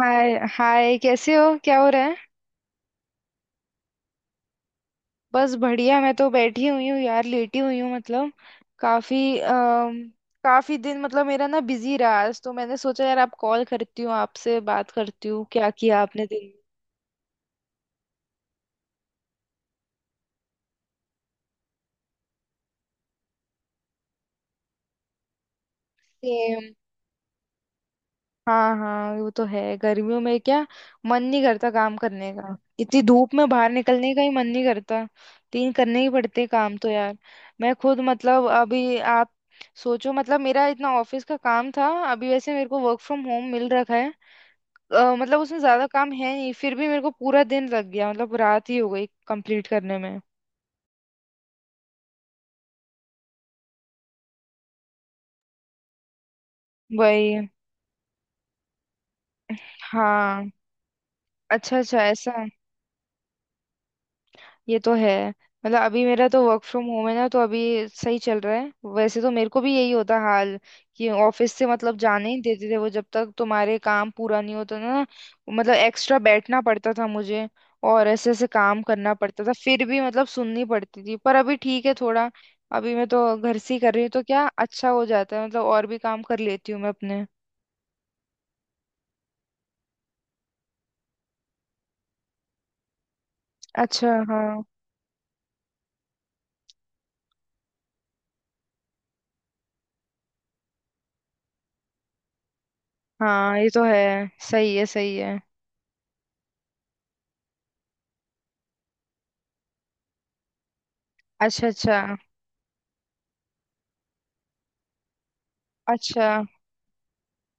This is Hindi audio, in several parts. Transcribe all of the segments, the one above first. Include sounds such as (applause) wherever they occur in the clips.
हाय हाय, कैसे हो? क्या हो रहा है? बस बढ़िया। मैं तो बैठी हुई हूँ यार, लेटी हुई हूँ मतलब काफी काफी दिन मतलब मेरा ना बिजी रहा। आज तो मैंने सोचा यार आप कॉल करती हूँ, आपसे बात करती हूँ। क्या किया आपने? दिन। हाँ हाँ, वो तो है। गर्मियों में क्या मन नहीं करता काम करने का। इतनी धूप में बाहर निकलने का ही मन नहीं करता। तीन करने ही पड़ते हैं काम तो यार। मैं खुद मतलब अभी आप सोचो, मतलब मेरा इतना ऑफिस का काम था। अभी वैसे मेरे को वर्क फ्रॉम होम मिल रखा है। मतलब उसमें ज्यादा काम है नहीं, फिर भी मेरे को पूरा दिन लग गया। मतलब रात ही हो गई कंप्लीट करने में। वही। हाँ। अच्छा अच्छा, ऐसा। ये तो है। मतलब अभी मेरा तो वर्क फ्रॉम होम है ना, तो अभी सही चल रहा है। वैसे तो मेरे को भी यही होता हाल कि ऑफिस से मतलब जाने ही देते थे वो जब तक तुम्हारे काम पूरा नहीं होता ना। मतलब एक्स्ट्रा बैठना पड़ता था मुझे, और ऐसे ऐसे काम करना पड़ता था, फिर भी मतलब सुननी पड़ती थी। पर अभी ठीक है थोड़ा। अभी मैं तो घर से ही कर रही हूँ, तो क्या अच्छा हो जाता है, मतलब और भी काम कर लेती हूँ मैं अपने। अच्छा। हाँ हाँ, ये तो है। सही है, सही है। अच्छा, अच्छा, अच्छा,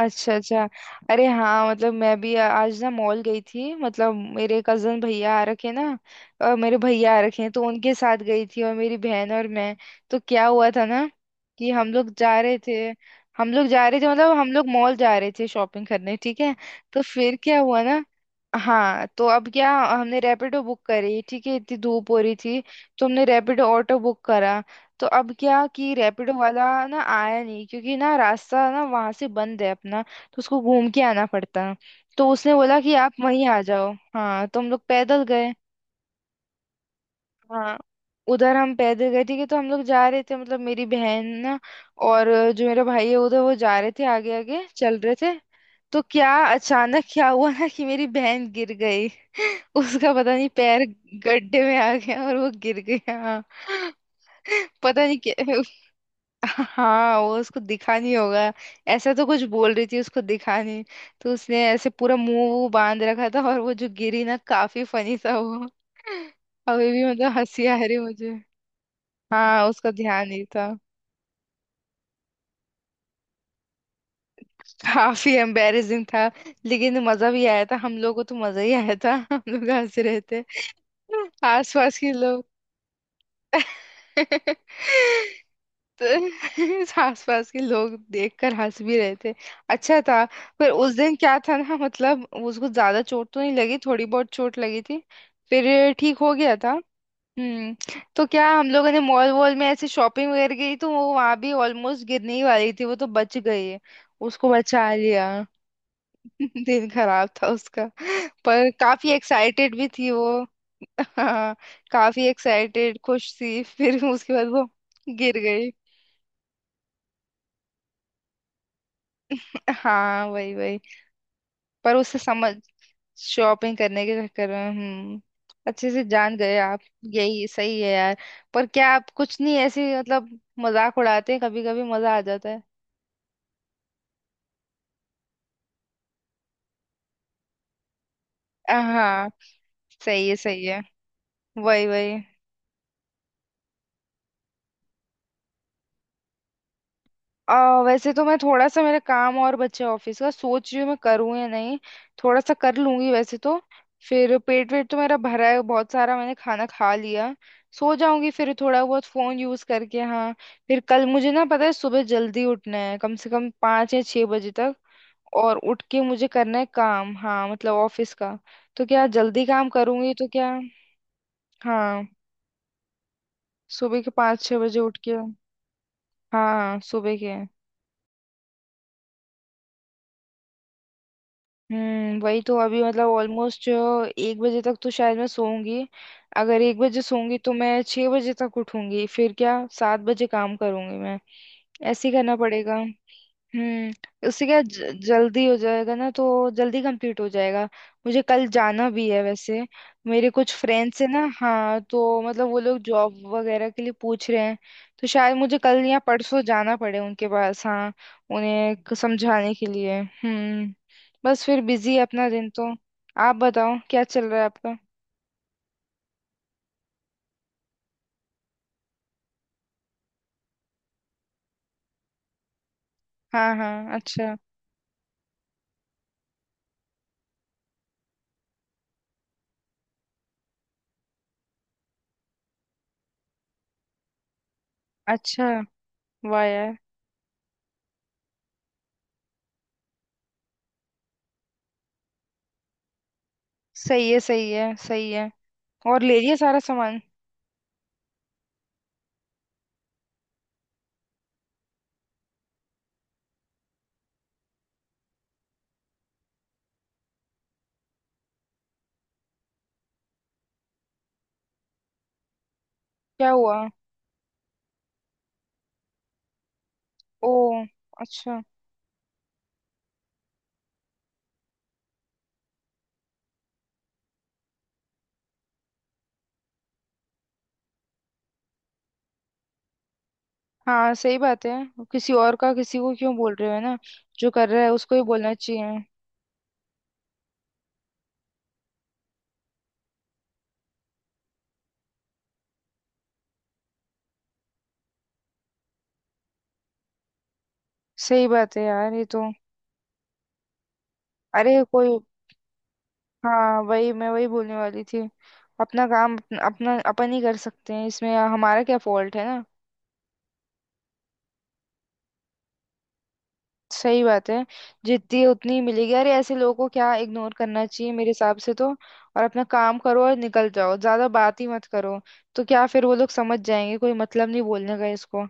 अच्छा, अच्छा। अरे हाँ, मतलब मैं भी आज ना मॉल गई थी। मतलब मेरे कजन भैया आ रखे ना, और मेरे भैया आ रखे हैं, तो उनके साथ गई थी, और मेरी बहन और मैं। तो क्या हुआ था ना कि हम लोग जा रहे थे। हम लोग जा रहे थे मतलब हम लोग मॉल जा रहे थे शॉपिंग करने, ठीक है। तो फिर क्या हुआ ना, हाँ तो अब क्या, हमने रैपिडो बुक करी। ठीक है, इतनी धूप हो रही थी, तो हमने रैपिडो ऑटो बुक करा। तो अब क्या कि रैपिडो वाला ना आया नहीं, क्योंकि ना रास्ता ना वहां से बंद है अपना, तो उसको घूम के आना पड़ता है। तो उसने बोला कि आप वहीं आ जाओ। हाँ, तो हम लोग पैदल गए। हाँ, उधर हम पैदल गए, ठीक है। तो हम लोग जा रहे थे, मतलब मेरी बहन ना और जो मेरा भाई है उधर, वो जा रहे थे आगे आगे चल रहे थे। तो क्या अचानक क्या हुआ ना कि मेरी बहन गिर गई (laughs) उसका पता नहीं पैर गड्ढे में आ गया और वो गिर गया हाँ। (laughs) पता नहीं क्या। हाँ, वो उसको दिखा नहीं होगा, ऐसा तो कुछ बोल रही थी, उसको दिखा नहीं। तो उसने ऐसे पूरा मुंह वूह बांध रखा था, और वो जो गिरी ना काफी फनी था वो। अभी भी मतलब हंसी आ रही मुझे। हाँ, उसका ध्यान नहीं था। काफी एम्बेरसिंग था, लेकिन मजा भी आया था। हम लोगों को तो मजा ही आया था, हम लोग हंस रहे थे। आस पास के लोग (laughs) तो (laughs) आसपास के लोग देखकर हंस भी रहे थे। अच्छा था। पर उस दिन क्या था ना, मतलब उसको ज्यादा चोट तो नहीं लगी, थोड़ी बहुत चोट लगी थी, फिर ठीक हो गया था। तो क्या हम लोगों ने मॉल वॉल में ऐसे शॉपिंग वगैरह की, तो वो वहां भी ऑलमोस्ट गिरने ही वाली थी, वो तो बच गई है। उसको बचा लिया। (laughs) दिन खराब था उसका। पर काफी एक्साइटेड भी थी वो। (laughs) हाँ, काफी एक्साइटेड खुश थी फिर उसके बाद वो गिर गई। हाँ, वही वही। पर उससे समझ शॉपिंग करने के चक्कर में। अच्छे से जान गए आप। यही सही है यार। पर क्या आप कुछ नहीं ऐसे मतलब मजाक उड़ाते हैं? कभी कभी मजा आ जाता है। हाँ, सही है, सही है। वही वही। वैसे तो मैं थोड़ा सा मेरा काम और बच्चे ऑफिस का सोच रही हूँ मैं करूँ या नहीं। थोड़ा सा कर लूंगी वैसे तो। फिर पेट वेट तो मेरा भरा है, बहुत सारा मैंने खाना खा लिया। सो जाऊंगी फिर थोड़ा बहुत फोन यूज करके, हाँ। फिर कल मुझे ना पता है सुबह जल्दी उठना है, कम से कम 5 या 6 बजे तक। और उठ के मुझे करना है काम, हाँ मतलब ऑफिस का। तो क्या जल्दी काम करूंगी तो क्या। हाँ, सुबह के 5 6 बजे उठ के। हाँ, सुबह के। वही तो अभी मतलब ऑलमोस्ट 1 बजे तक तो शायद मैं सोऊंगी। अगर 1 बजे सोऊंगी, तो मैं 6 बजे तक उठूंगी, फिर क्या 7 बजे काम करूंगी मैं। ऐसे ही करना पड़ेगा। उससे क्या जल्दी हो जाएगा ना, तो जल्दी कंप्लीट हो जाएगा। मुझे कल जाना भी है वैसे। मेरे कुछ फ्रेंड्स है ना, हाँ, तो मतलब वो लोग जॉब वगैरह के लिए पूछ रहे हैं, तो शायद मुझे कल या परसों जाना पड़े उनके पास, हाँ। उन्हें समझाने के लिए। बस फिर बिजी है अपना दिन तो। आप बताओ क्या चल रहा है आपका? हाँ हाँ। अच्छा, अच्छा। वाह यार। सही है, सही है, सही है। और ले लिया सारा सामान। क्या हुआ? ओ। अच्छा। हाँ, सही बात है। किसी और का किसी को क्यों बोल रहे हो, है ना? जो कर रहा है उसको ही बोलना चाहिए। सही बात है यार, ये तो। अरे कोई। हाँ, वही मैं वही बोलने वाली थी। अपना काम अपना अपन ही कर सकते हैं, इसमें हमारा क्या फॉल्ट है ना। सही बात है। जितनी है उतनी ही मिलेगी। अरे ऐसे लोगों को क्या इग्नोर करना चाहिए मेरे हिसाब से तो, और अपना काम करो और निकल जाओ, ज्यादा बात ही मत करो, तो क्या फिर वो लोग समझ जाएंगे। कोई मतलब नहीं बोलने का इसको।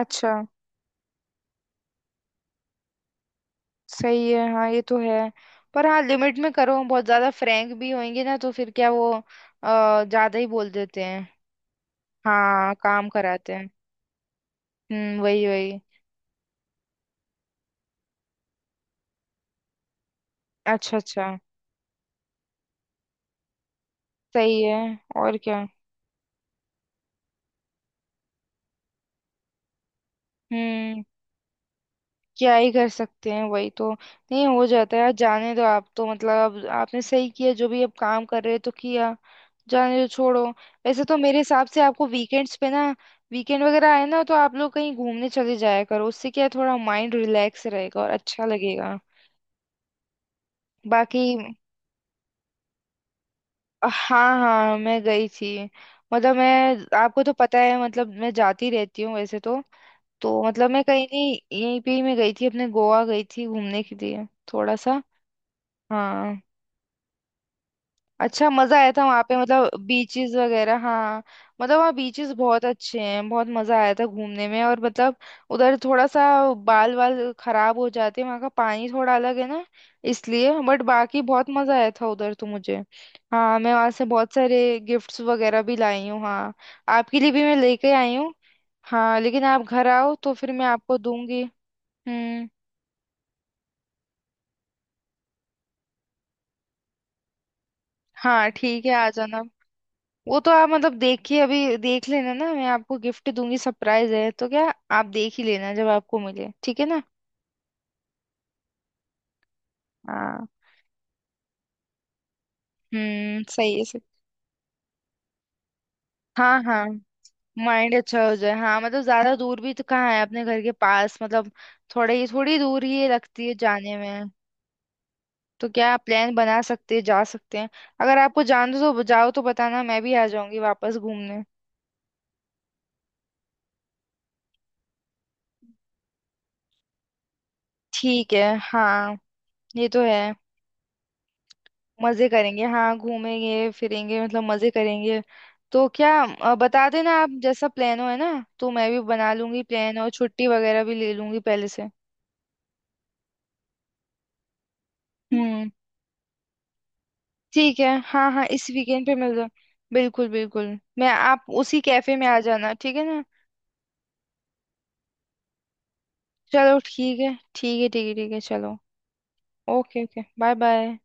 अच्छा। सही है, हाँ, ये तो है। पर हाँ लिमिट में करो, बहुत ज्यादा फ्रैंक भी होंगे ना, तो फिर क्या वो ज्यादा ही बोल देते हैं। हाँ, काम कराते हैं। वही वही। अच्छा, अच्छा। सही है। और क्या। हम्म क्या ही कर सकते हैं, वही तो नहीं हो जाता है यार। जाने दो आप तो, मतलब अब आपने सही किया, जो भी अब काम कर रहे हो तो किया। जाने दो, छोड़ो। वैसे तो मेरे हिसाब से आपको वीकेंड्स पे ना, वीकेंड वगैरह आए ना तो आप लोग कहीं घूमने चले जाया करो, उससे क्या है, थोड़ा माइंड रिलैक्स रहेगा और अच्छा लगेगा। बाकी। हाँ हाँ, मैं गई थी। मतलब मैं आपको तो पता है, मतलब मैं जाती रहती हूँ वैसे तो। तो मतलब मैं कहीं नहीं, यहीं पे ही मैं गई थी अपने, गोवा गई थी घूमने के लिए, थोड़ा सा। हाँ। अच्छा मजा आया था वहां पे, मतलब बीचेस वगैरह, हाँ। मतलब वहाँ बीचेस बहुत अच्छे हैं, बहुत मजा आया था घूमने में, और मतलब उधर थोड़ा सा बाल वाल खराब हो जाते हैं, वहाँ का पानी थोड़ा अलग है ना, इसलिए। बट बाकी बहुत मजा आया था उधर तो मुझे। हाँ, मैं वहां से बहुत सारे गिफ्ट्स वगैरह भी लाई हूँ, हाँ। आपके लिए भी मैं लेके आई हूँ। हाँ लेकिन आप घर आओ तो फिर मैं आपको दूंगी। हम्म। हाँ ठीक है, आ जाना। वो तो आप मतलब देखिए, अभी देख लेना ना, मैं आपको गिफ्ट दूंगी, सरप्राइज है तो क्या, आप देख ही लेना जब आपको मिले, ठीक है ना? हाँ। हम्म, सही है, सही। हाँ हाँ, माइंड अच्छा हो जाए। हाँ, मतलब ज्यादा दूर भी तो कहाँ है अपने घर के पास, मतलब थोड़े ही, थोड़ी दूर ही ये लगती है जाने में। तो क्या आप प्लान बना सकते हैं, जा सकते हैं, अगर आपको जान दो तो जाओ, तो बताना, मैं भी आ जाऊंगी वापस घूमने। ठीक है। हाँ, ये तो है। मजे करेंगे, हाँ घूमेंगे फिरेंगे, मतलब मजे करेंगे। तो क्या बता देना आप जैसा प्लान हो, है ना, तो मैं भी बना लूंगी प्लान और छुट्टी वगैरह भी ले लूंगी पहले से। हम्म। ठीक है, हाँ हाँ, इस वीकेंड पे मिल जाओ। बिल्कुल बिल्कुल, मैं आप उसी कैफे में आ जाना, ठीक है ना। चलो, ठीक है, ठीक है, ठीक है, ठीक है, चलो। Okay okay, bye bye.